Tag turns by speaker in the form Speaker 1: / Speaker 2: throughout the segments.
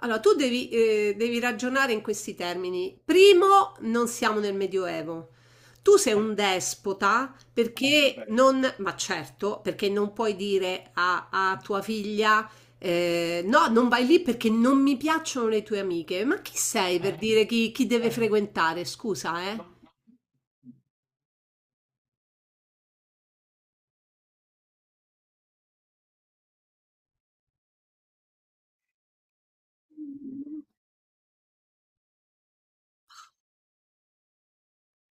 Speaker 1: Allora, tu devi ragionare in questi termini. Primo, non siamo nel Medioevo. Tu sei un despota, perché vabbè, non, ma certo, perché non puoi dire a tua figlia, no, non vai lì perché non mi piacciono le tue amiche. Ma chi sei per dire chi deve frequentare? Scusa, eh?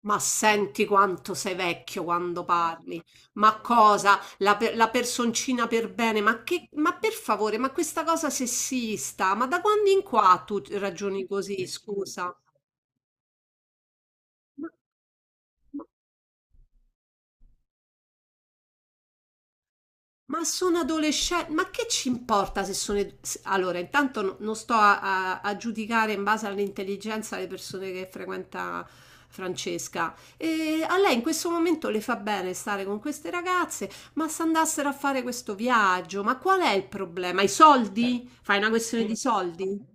Speaker 1: Ma senti quanto sei vecchio quando parli. Ma cosa? La personcina per bene? Ma che, ma per favore, ma questa cosa sessista? Ma da quando in qua tu ragioni così? Scusa. Ma sono adolescenti, ma che ci importa se sono. Allora, intanto non sto a giudicare in base all'intelligenza le persone che frequenta Francesca. E a lei in questo momento le fa bene stare con queste ragazze, ma se andassero a fare questo viaggio, ma qual è il problema? I soldi? Fai una questione di soldi?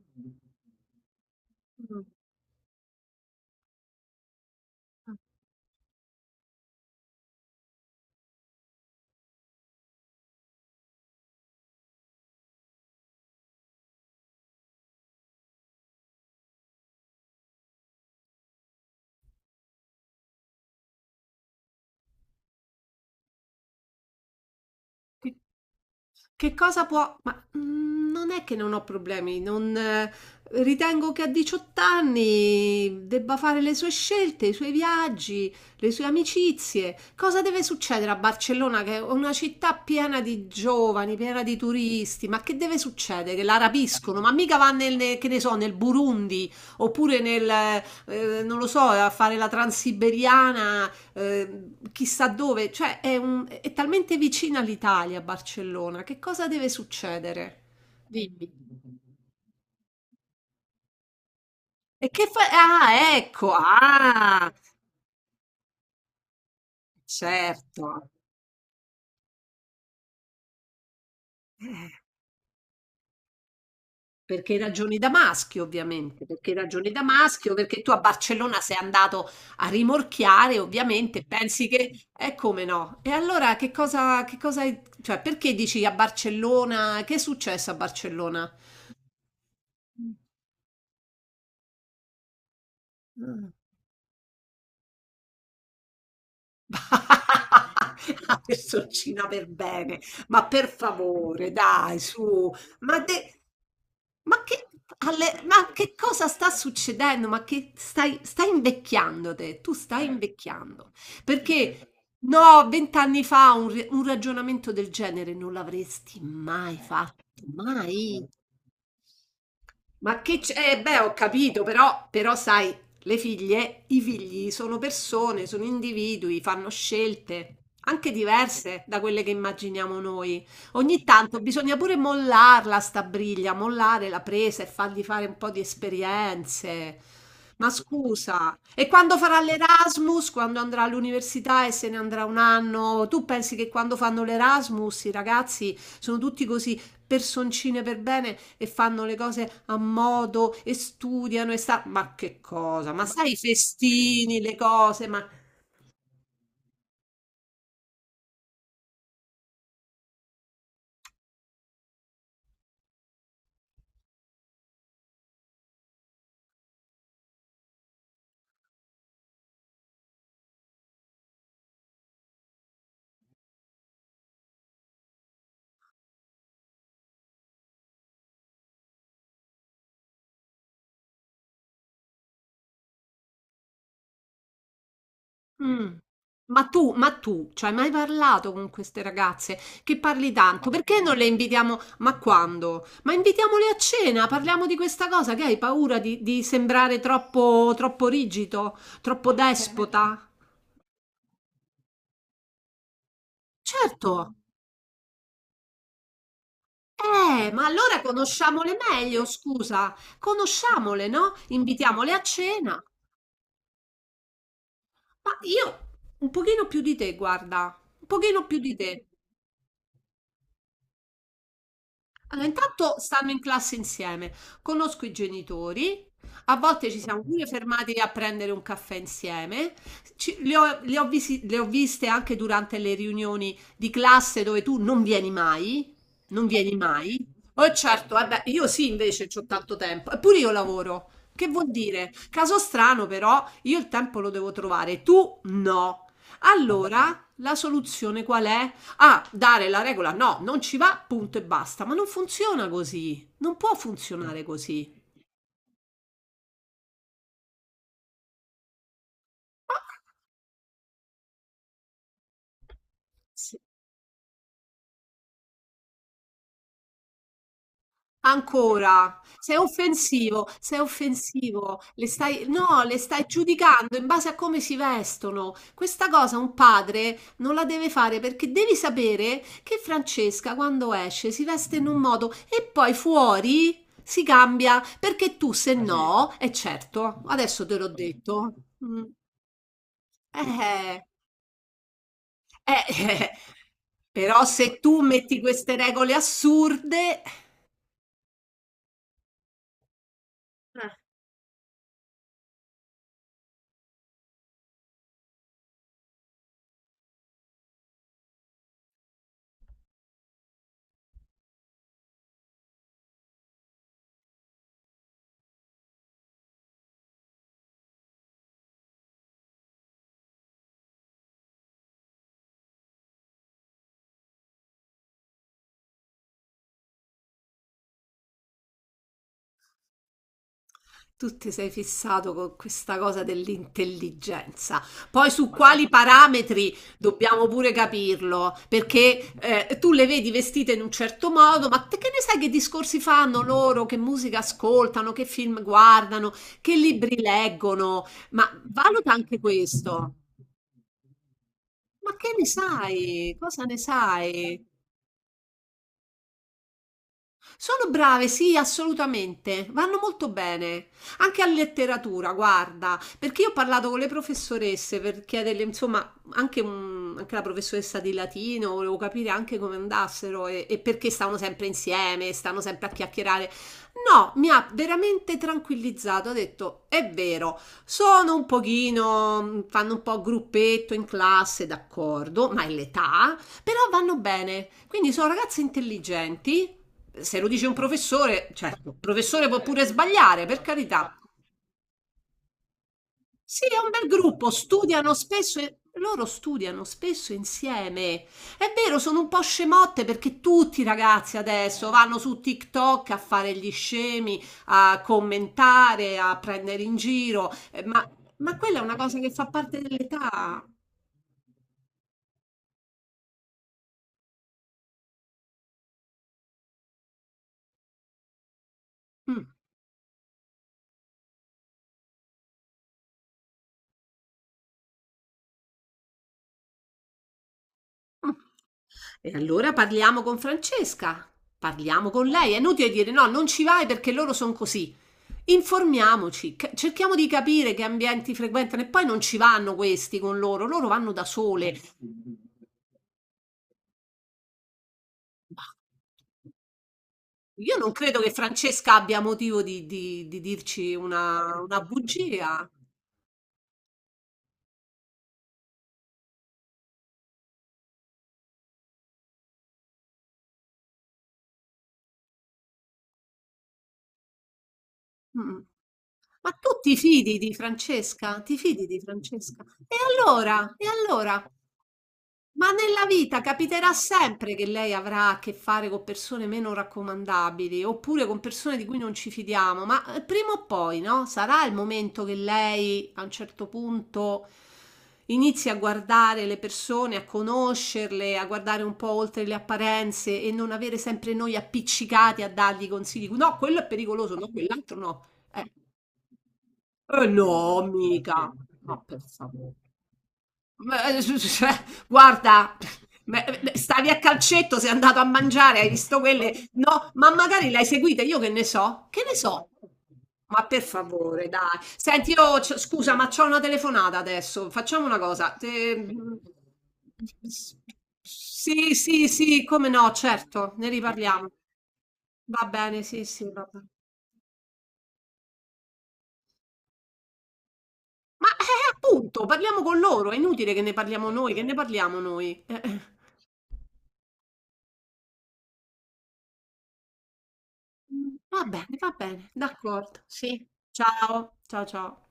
Speaker 1: Che cosa può... Ma non è che non ho problemi, non... ritengo che a 18 anni debba fare le sue scelte, i suoi viaggi, le sue amicizie. Cosa deve succedere a Barcellona, che è una città piena di giovani, piena di turisti? Ma che deve succedere? Che la rapiscono? Ma mica va che ne so, nel Burundi, oppure non lo so, a fare la transiberiana, chissà dove, cioè è talmente vicina all'Italia, Barcellona, che cosa deve succedere? Dimmi. E che fa? Ah, ecco, ah, certo. Eh, Perché ragioni da maschio, ovviamente, perché ragioni da maschio, perché tu a Barcellona sei andato a rimorchiare, ovviamente, pensi che è come no. E allora che cosa, cioè, perché dici a Barcellona? Che è successo a Barcellona? Mm. La personcina per bene, ma per favore, dai, su, ma, de- ma che, ma che cosa sta succedendo? Ma che stai invecchiando te, tu stai invecchiando. Perché no, 20 anni fa un ragionamento del genere non l'avresti mai fatto, mai. Ma che c'è? Beh, ho capito, però, però sai, le figlie, i figli sono persone, sono individui, fanno scelte, anche diverse da quelle che immaginiamo noi. Ogni tanto bisogna pure mollarla sta briglia, mollare la presa e fargli fare un po' di esperienze. Ma scusa, e quando farà l'Erasmus, quando andrà all'università e se ne andrà un anno, tu pensi che quando fanno l'Erasmus i ragazzi sono tutti così? Personcine per bene e fanno le cose a modo e studiano e sta... Ma che cosa? Ma sai i festini, le cose, ma... Mm. Ma tu, ci hai mai parlato con queste ragazze che parli tanto? Perché non le invitiamo? Ma quando? Ma invitiamole a cena, parliamo di questa cosa che hai paura di sembrare troppo, troppo rigido, troppo despota? Certo. Ma allora conosciamole meglio, scusa, conosciamole, no? Invitiamole a cena. Ma io un pochino più di te, guarda, un pochino più di te. Allora, intanto stanno in classe insieme, conosco i genitori, a volte ci siamo pure fermati a prendere un caffè insieme. Ci- le ho visi- le ho viste anche durante le riunioni di classe dove tu non vieni mai, non vieni mai. Oh certo, vabbè, io sì invece ho tanto tempo, eppure io lavoro. Che vuol dire? Caso strano però, io il tempo lo devo trovare, tu no. Allora, la soluzione qual è? A dare la regola no, non ci va, punto e basta. Ma non funziona così, non può funzionare così. Sì. Ancora, sei offensivo, le stai, no, le stai giudicando in base a come si vestono. Questa cosa un padre non la deve fare perché devi sapere che Francesca quando esce si veste in un modo e poi fuori si cambia perché tu se no, è certo, adesso te l'ho detto. Mm. Eh, Eh, però se tu metti queste regole assurde, Eh, tu ti sei fissato con questa cosa dell'intelligenza. Poi su madonna, quali parametri dobbiamo pure capirlo, perché tu le vedi vestite in un certo modo, ma te che ne sai che discorsi fanno loro, che musica ascoltano, che film guardano, che libri leggono? Ma valuta anche questo. Ma che ne sai? Cosa ne sai? Sono brave, sì, assolutamente. Vanno molto bene. Anche a letteratura, guarda, perché io ho parlato con le professoresse per chiederle, insomma, anche, anche la professoressa di latino, volevo capire anche come andassero e perché stavano sempre insieme, stanno sempre a chiacchierare. No, mi ha veramente tranquillizzato. Ha detto, è vero, sono un pochino, fanno un po' gruppetto in classe, d'accordo, ma è l'età, però vanno bene. Quindi sono ragazze intelligenti se lo dice un professore, cioè, il professore può pure sbagliare, per carità. Sì, è un bel gruppo, studiano spesso, loro studiano spesso insieme. È vero, sono un po' scemotte perché tutti i ragazzi adesso vanno su TikTok a fare gli scemi, a commentare, a prendere in giro, ma quella è una cosa che fa parte dell'età. Mm, mm. E allora parliamo con Francesca, parliamo con lei. È inutile dire no, non ci vai perché loro sono così. Informiamoci, cerchiamo di capire che ambienti frequentano e poi non ci vanno questi con loro, loro vanno da sole. Ma io non credo che Francesca abbia motivo di dirci una bugia. Mm. Ma tu ti fidi di Francesca? Ti fidi di Francesca? E allora? E allora? Ma nella vita capiterà sempre che lei avrà a che fare con persone meno raccomandabili oppure con persone di cui non ci fidiamo, ma prima o poi, no? Sarà il momento che lei a un certo punto inizi a guardare le persone, a conoscerle, a guardare un po' oltre le apparenze e non avere sempre noi appiccicati a dargli consigli. No, quello è pericoloso, no, quell'altro no. Eh, no, mica. No, per favore. Ma, guarda, stavi a calcetto, sei andato a mangiare, hai visto quelle? No, ma magari le hai seguite, io che ne so? Che ne so? Ma per favore, dai. Senti, io, scusa, ma c'ho una telefonata adesso. Facciamo una cosa. Sì, sì, sì, come no, certo, ne riparliamo. Va bene, sì, sì, va bene. Ma appunto, parliamo con loro, è inutile che ne parliamo noi, che ne parliamo noi? Va bene, d'accordo, sì. Ciao, ciao, ciao.